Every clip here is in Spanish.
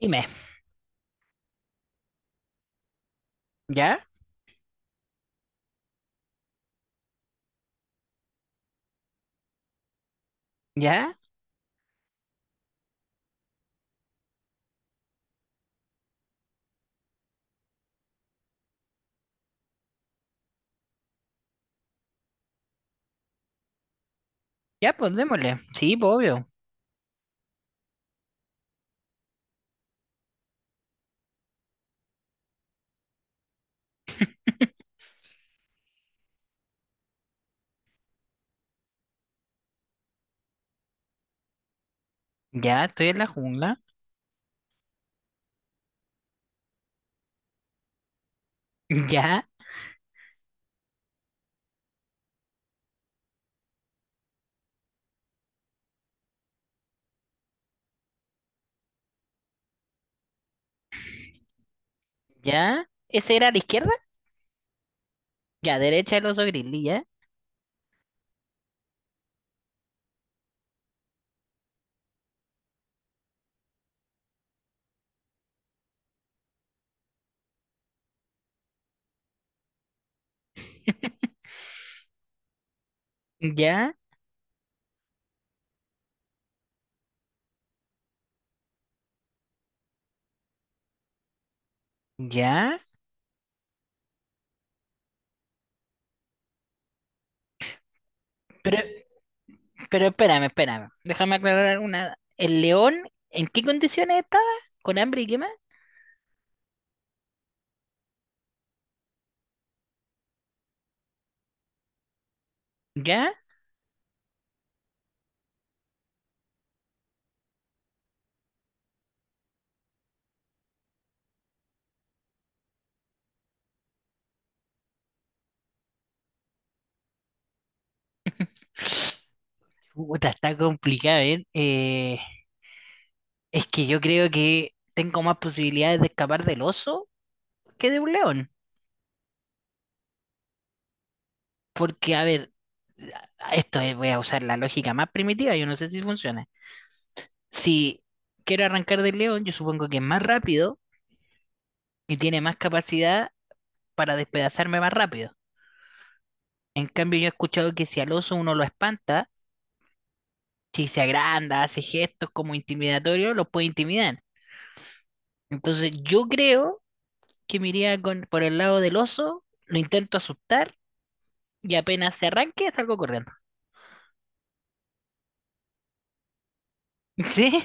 Dime. ¿Ya? ¿Ya? Ya, pues démosle. Sí, pues, obvio. Ya, estoy en la jungla. Ya, ya. ¿Ese era a la izquierda? Ya, derecha el oso grizzly, ya. Ya, ya. Pero, pero espérame. Déjame aclarar una. ¿El león en qué condiciones estaba? ¿Con hambre y qué más? ¿Ya? Puta, está complicado, ¿eh? Es que yo creo que tengo más posibilidades de escapar del oso que de un león. Porque, a ver, voy a usar la lógica más primitiva, yo no sé si funciona. Si quiero arrancar del león, yo supongo que es más rápido y tiene más capacidad para despedazarme más rápido. En cambio, yo he escuchado que si al oso uno lo espanta, si se agranda, hace gestos como intimidatorios, los puede intimidar. Entonces, yo creo que me iría por el lado del oso, lo intento asustar y apenas se arranque, salgo corriendo. ¿Sí?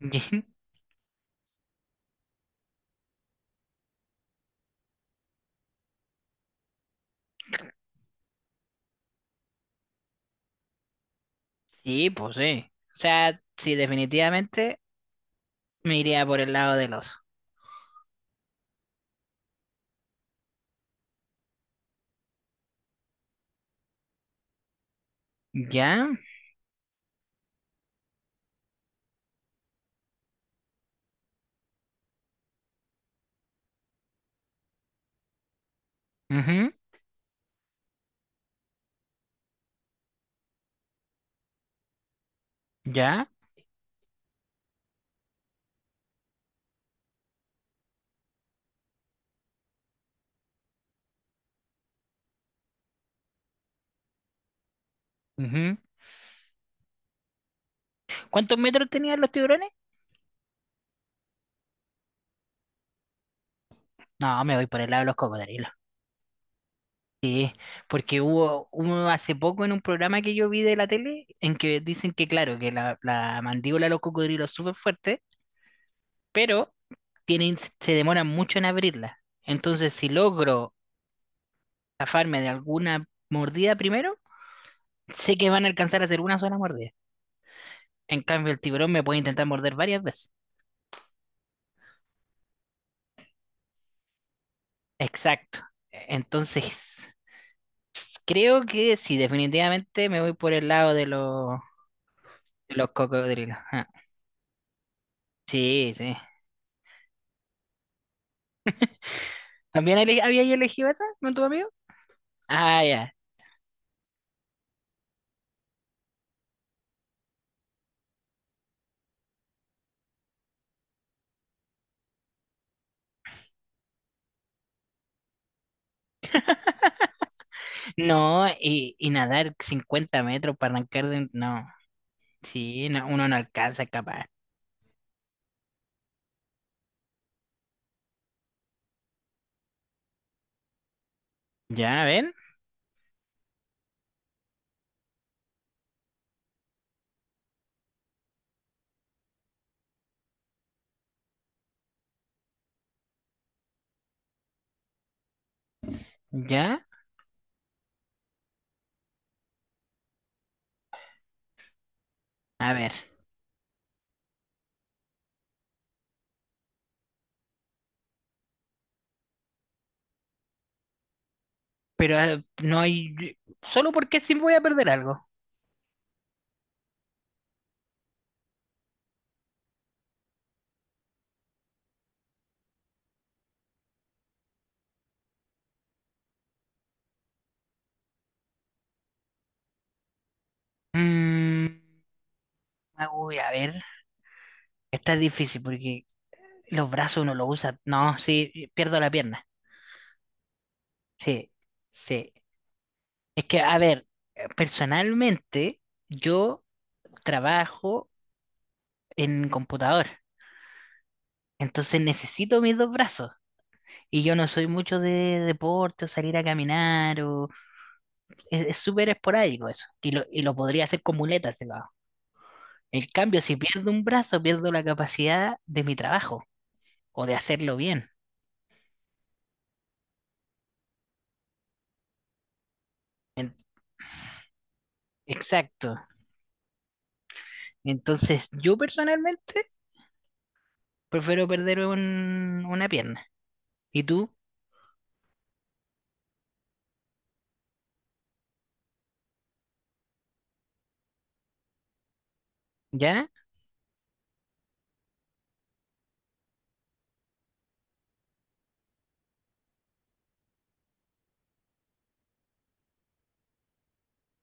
Sí, pues sí. O sea, sí, definitivamente. Me iría por el lado del oso. ¿Ya? Ujú. ¿Ya? Ujú. ¿Cuántos metros tenían los tiburones? No, me voy por el lado de los cocodrilos. Sí, porque hubo hace poco en un programa que yo vi de la tele en que dicen que, claro, que la mandíbula de los cocodrilos es súper fuerte, pero tienen, se demoran mucho en abrirla. Entonces, si logro zafarme de alguna mordida primero, sé que van a alcanzar a hacer una sola mordida. En cambio, el tiburón me puede intentar morder varias veces. Exacto. Entonces, creo que sí, definitivamente me voy por el lado de los cocodrilos. Ah, sí, sí. Había yo elegido esa con tu amigo? Ah, ya. No, y nadar 50 metros para arrancar de... No, sí, no, uno no alcanza capaz. Ya, a ver, ya, a ver. Pero no hay... Solo porque sí voy a perder algo. Mm, ah, uy, a ver. Esta es difícil porque los brazos uno los usa. No, sí, pierdo la pierna. Sí, sí. Es que, a ver, personalmente yo trabajo en computador, entonces necesito mis dos brazos. Y yo no soy mucho de deporte, o salir a caminar, o es súper esporádico eso. Y lo podría hacer con muletas si lo hago. En cambio, si pierdo un brazo, pierdo la capacidad de mi trabajo o de hacerlo bien. En- Exacto. Entonces, yo personalmente prefiero perder una pierna. ¿Y tú? ¿Ya?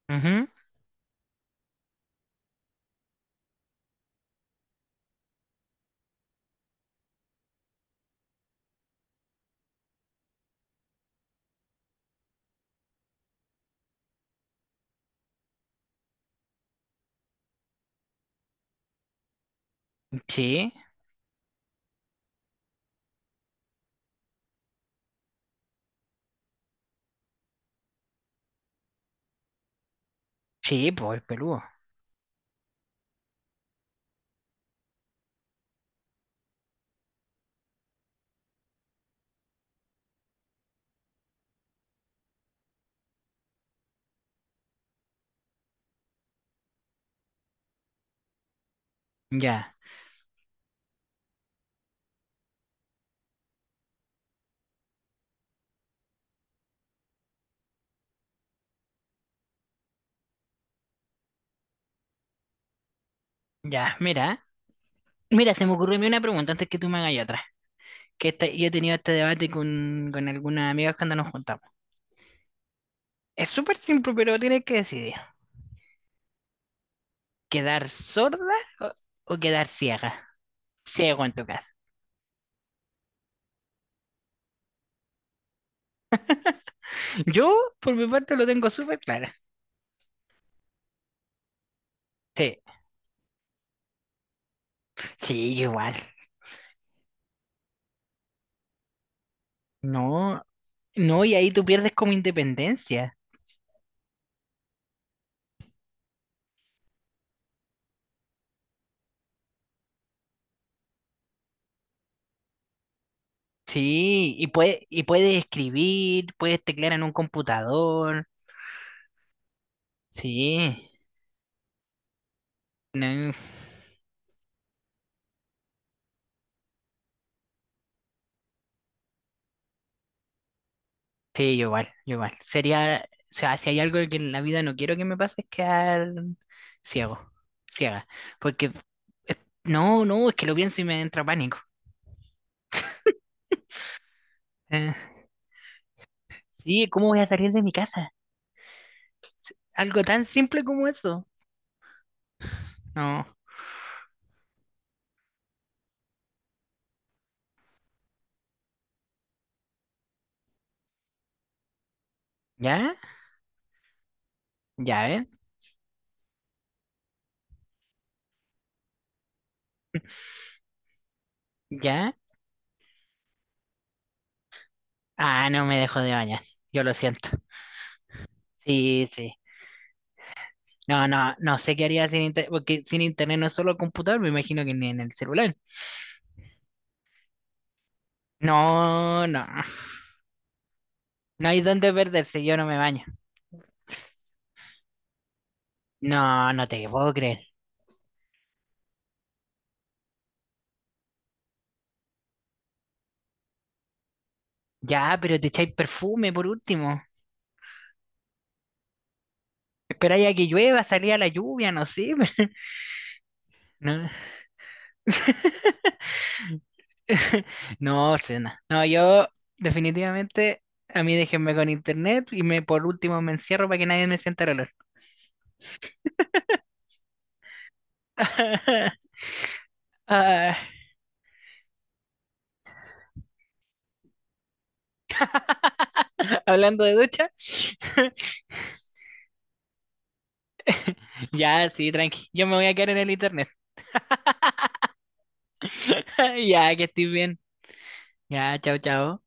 Ujú. Sí, sí, pues el Perú. Ya, ya, mira, mira, se me ocurrió a mí una pregunta antes que tú me hagas otra. Que yo he tenido este debate con algunas amigas cuando nos juntamos. Es súper simple, pero tienes que decidir. ¿Quedar sorda o, o quedar ciega? Ciego en tu caso. Yo, por mi parte, lo tengo súper claro. Sí, sí, yo igual. No, no, y ahí tú pierdes como independencia. Sí, y puedes escribir, puedes teclear en un computador. Sí, no. Sí, yo igual, yo igual. Sería, o sea, si hay algo que en la vida no quiero que me pase es quedar ciego, ciega. Porque, eh, no, no, es que lo pienso y me entra pánico. Eh, sí, ¿cómo voy a salir de mi casa? Algo tan simple como eso. No. ¿Ya? ¿Ya ven? ¿Ya? Ah, no me dejo de bañar. Yo lo siento. Sí, sí. No, no, no sé qué haría sin internet, porque sin internet no es solo el computador, me imagino que ni en el celular. No, no. No hay dónde perderse, yo no me baño. No, no te puedo creer. Ya, pero te echáis perfume por último. Esperáis a que llueva, salía a la lluvia, no sé. pero- No, no, cena. No, yo definitivamente a mí déjenme con internet y me por último me encierro para que nadie me sienta el olor. Ah, hablando de ducha. Ya, sí, tranqui. Yo me voy a quedar en el internet. Ya, que estés bien. Ya, chao, chao.